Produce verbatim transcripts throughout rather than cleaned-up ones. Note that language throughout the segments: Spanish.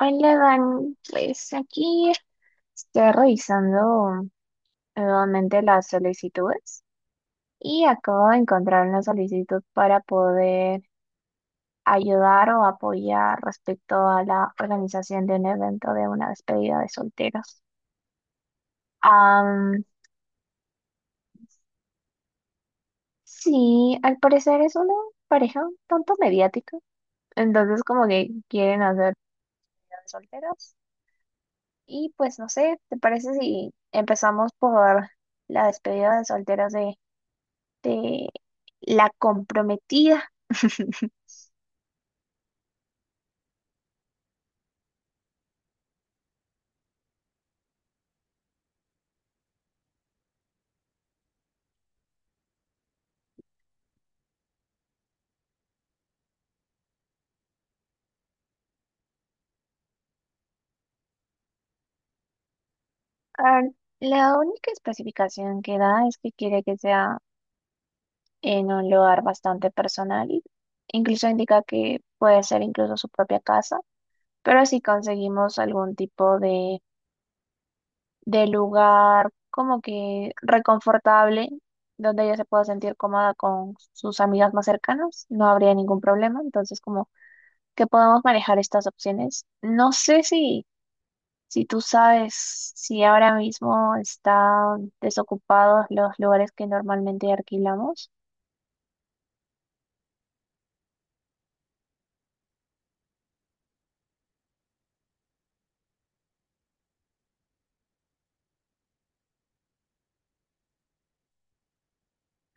Hola, Dan. Pues aquí estoy revisando nuevamente las solicitudes y acabo de encontrar una solicitud para poder ayudar o apoyar respecto a la organización de un evento de una despedida de solteros. Am, sí, al parecer es una pareja un tanto mediática, entonces como que quieren hacer despedida de solteros y pues no sé, ¿te parece si empezamos por la despedida de solteros de de la comprometida? Ah, La única especificación que da es que quiere que sea en un lugar bastante personal. Incluso indica que puede ser incluso su propia casa, pero si conseguimos algún tipo de, de lugar como que reconfortable, donde ella se pueda sentir cómoda con sus amigas más cercanas, no habría ningún problema. Entonces, como que podamos manejar estas opciones. No sé si Si tú sabes si ahora mismo están desocupados los lugares que normalmente alquilamos,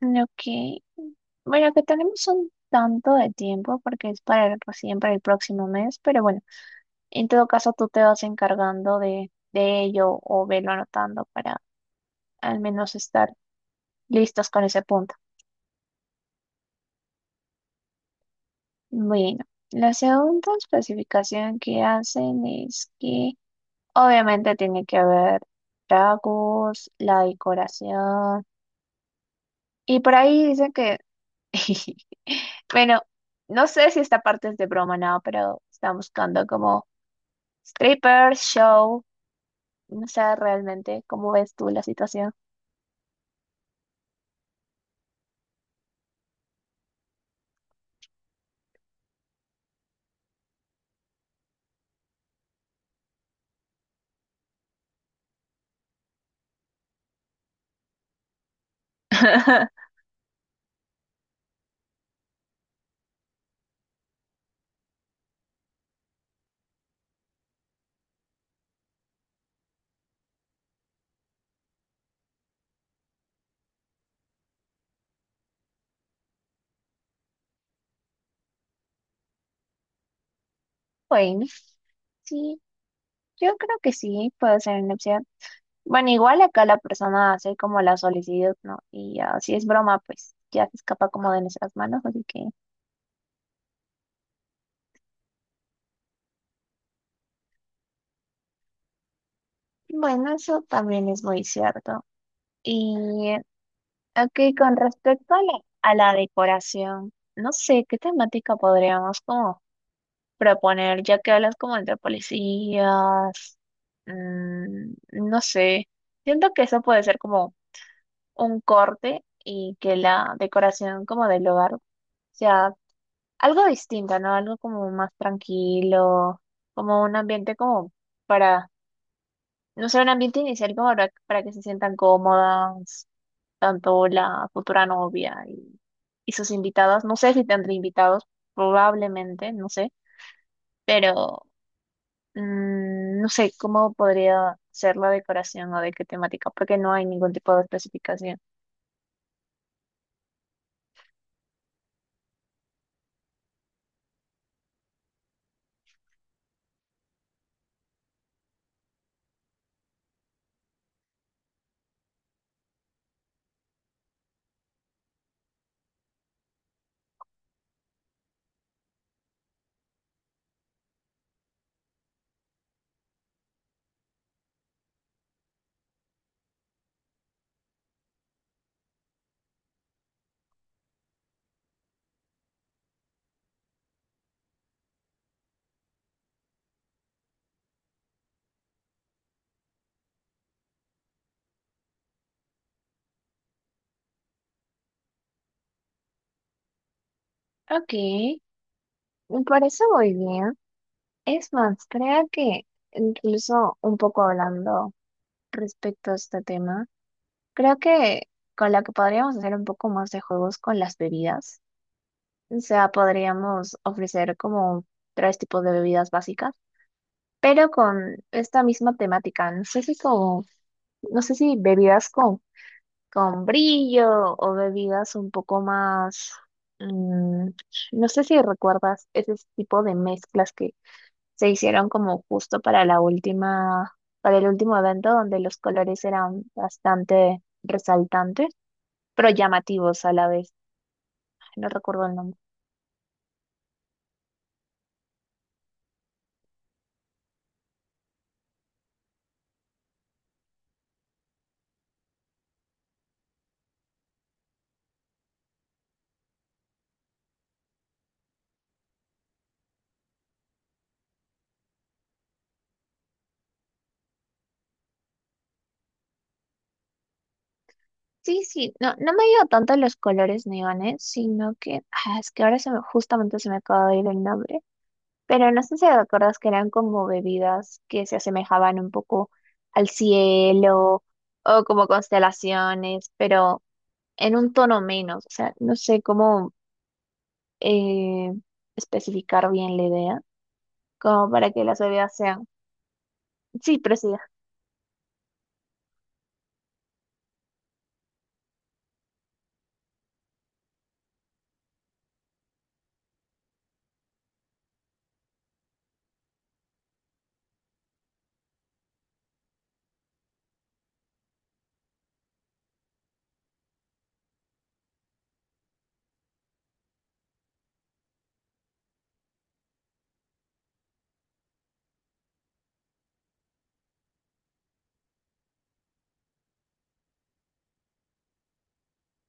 lo que, bueno, que tenemos un tanto de tiempo porque es para el, recién para el próximo mes, pero bueno, en todo caso tú te vas encargando de, de ello o velo anotando para al menos estar listos con ese punto. Bueno, la segunda especificación que hacen es que obviamente tiene que haber tragos, la decoración. Y por ahí dicen que, bueno, no sé si esta parte es de broma, no, pero están buscando como stripper, show, no sé realmente cómo ves tú la situación. Bueno, sí, yo creo que sí, puede ser una opción. Bueno, igual acá la persona hace como la solicitud, ¿no? Y ya, si es broma, pues ya se escapa como de nuestras manos, así que, bueno, eso también es muy cierto. Y Ok, con respecto a la, a la decoración, no sé qué temática podríamos como proponer, ya que hablas como entre policías. Mm, no sé, siento que eso puede ser como un corte y que la decoración como del hogar sea algo distinto, ¿no? Algo como más tranquilo, como un ambiente como para, no sé, un ambiente inicial como para, para que se sientan cómodas tanto la futura novia y, y sus invitadas. No sé si tendré invitados, probablemente, no sé, pero mm, no sé cómo podría ser la decoración o de qué temática, porque no hay ningún tipo de especificación. Ok, me parece muy bien. Es más, creo que incluso un poco hablando respecto a este tema, creo que con la que podríamos hacer un poco más de juegos con las bebidas. O sea, podríamos ofrecer como tres tipos de bebidas básicas, pero con esta misma temática. No sé si como, no sé si bebidas con, con brillo o bebidas un poco más, mm, no sé si recuerdas ese tipo de mezclas que se hicieron como justo para la última, para el último evento donde los colores eran bastante resaltantes, pero llamativos a la vez. No recuerdo el nombre. Sí, sí, no, no me dio ido tanto los colores neones, sino que, ah, es que ahora se me, justamente se me acaba de ir el nombre, pero no sé si te acuerdas que eran como bebidas que se asemejaban un poco al cielo o como constelaciones, pero en un tono menos, o sea, no sé cómo eh, especificar bien la idea, como para que las bebidas sean, sí, pero sí,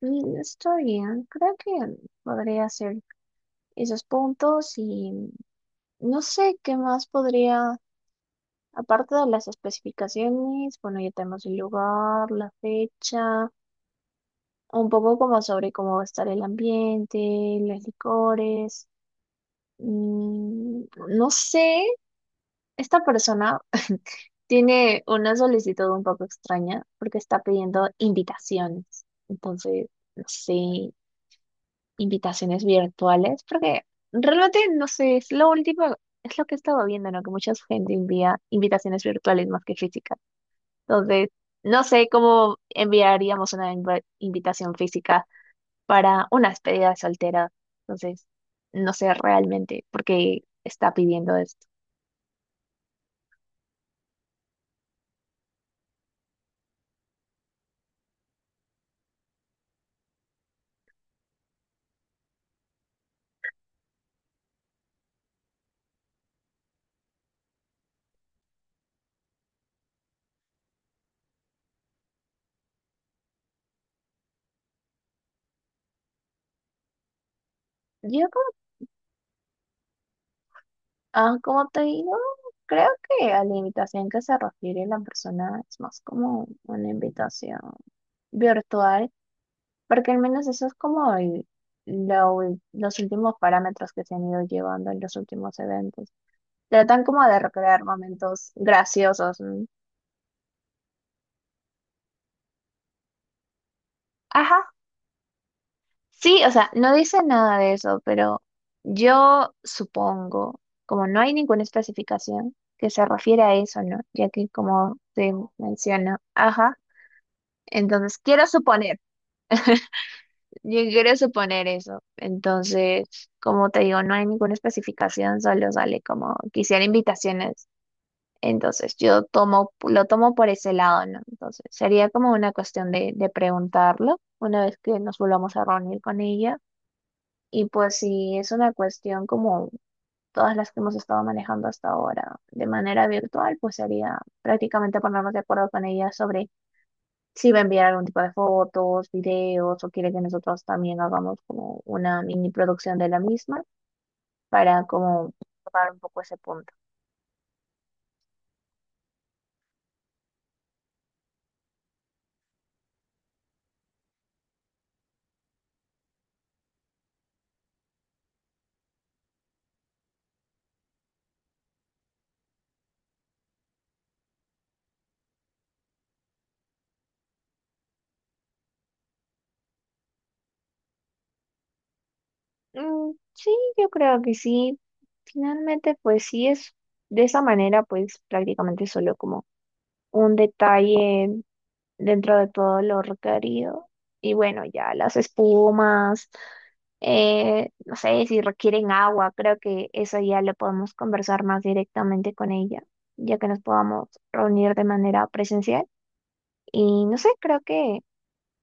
mm, está bien, creo que podría ser esos puntos y... No sé qué más podría, aparte de las especificaciones, bueno, ya tenemos el lugar, la fecha, un poco como sobre cómo va a estar el ambiente, los licores. Mm, no sé, esta persona tiene una solicitud un poco extraña porque está pidiendo invitaciones. Entonces, no sé, invitaciones virtuales, porque realmente no sé, es lo último, es lo que he estado viendo, ¿no? Que mucha gente envía invitaciones virtuales más que físicas. Entonces, no sé cómo enviaríamos una inv- invitación física para una despedida de soltera. Entonces, no sé realmente por qué está pidiendo esto. Yo, como, ah, como te digo, creo que a la invitación que se refiere la persona es más como una invitación virtual. Porque al menos eso es como el- la ul- los últimos parámetros que se han ido llevando en los últimos eventos. Tratan como de recrear momentos graciosos, ¿no? Ajá, sí, o sea, no dice nada de eso, pero yo supongo, como no hay ninguna especificación que se refiere a eso, ¿no? Ya que como se menciona, ajá, entonces quiero suponer, yo quiero suponer eso. Entonces, como te digo, no hay ninguna especificación, solo sale como quisiera invitaciones. Entonces, yo tomo, lo tomo por ese lado, ¿no? Entonces, sería como una cuestión de, de preguntarlo una vez que nos volvamos a reunir con ella. Y pues si es una cuestión como todas las que hemos estado manejando hasta ahora de manera virtual, pues sería prácticamente ponernos de acuerdo con ella sobre si va a enviar algún tipo de fotos, videos o quiere que nosotros también hagamos como una mini producción de la misma para como tocar un poco ese punto. Mm, sí, yo creo que sí. Finalmente, pues sí es de esa manera, pues prácticamente solo como un detalle dentro de todo lo requerido. Y bueno, ya las espumas, eh, no sé si requieren agua, creo que eso ya lo podemos conversar más directamente con ella, ya que nos podamos reunir de manera presencial. Y no sé, creo que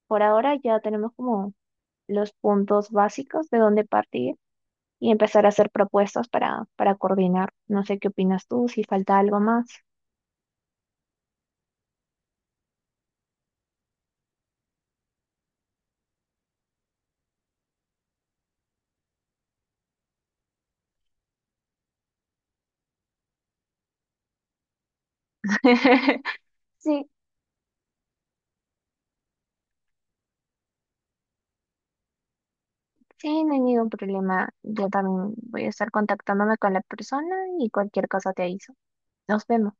por ahora ya tenemos como los puntos básicos de dónde partir y empezar a hacer propuestas para, para coordinar. No sé qué opinas tú, si falta algo más. Sí, sí, no hay ningún problema. Yo también voy a estar contactándome con la persona y cualquier cosa te aviso. Nos vemos.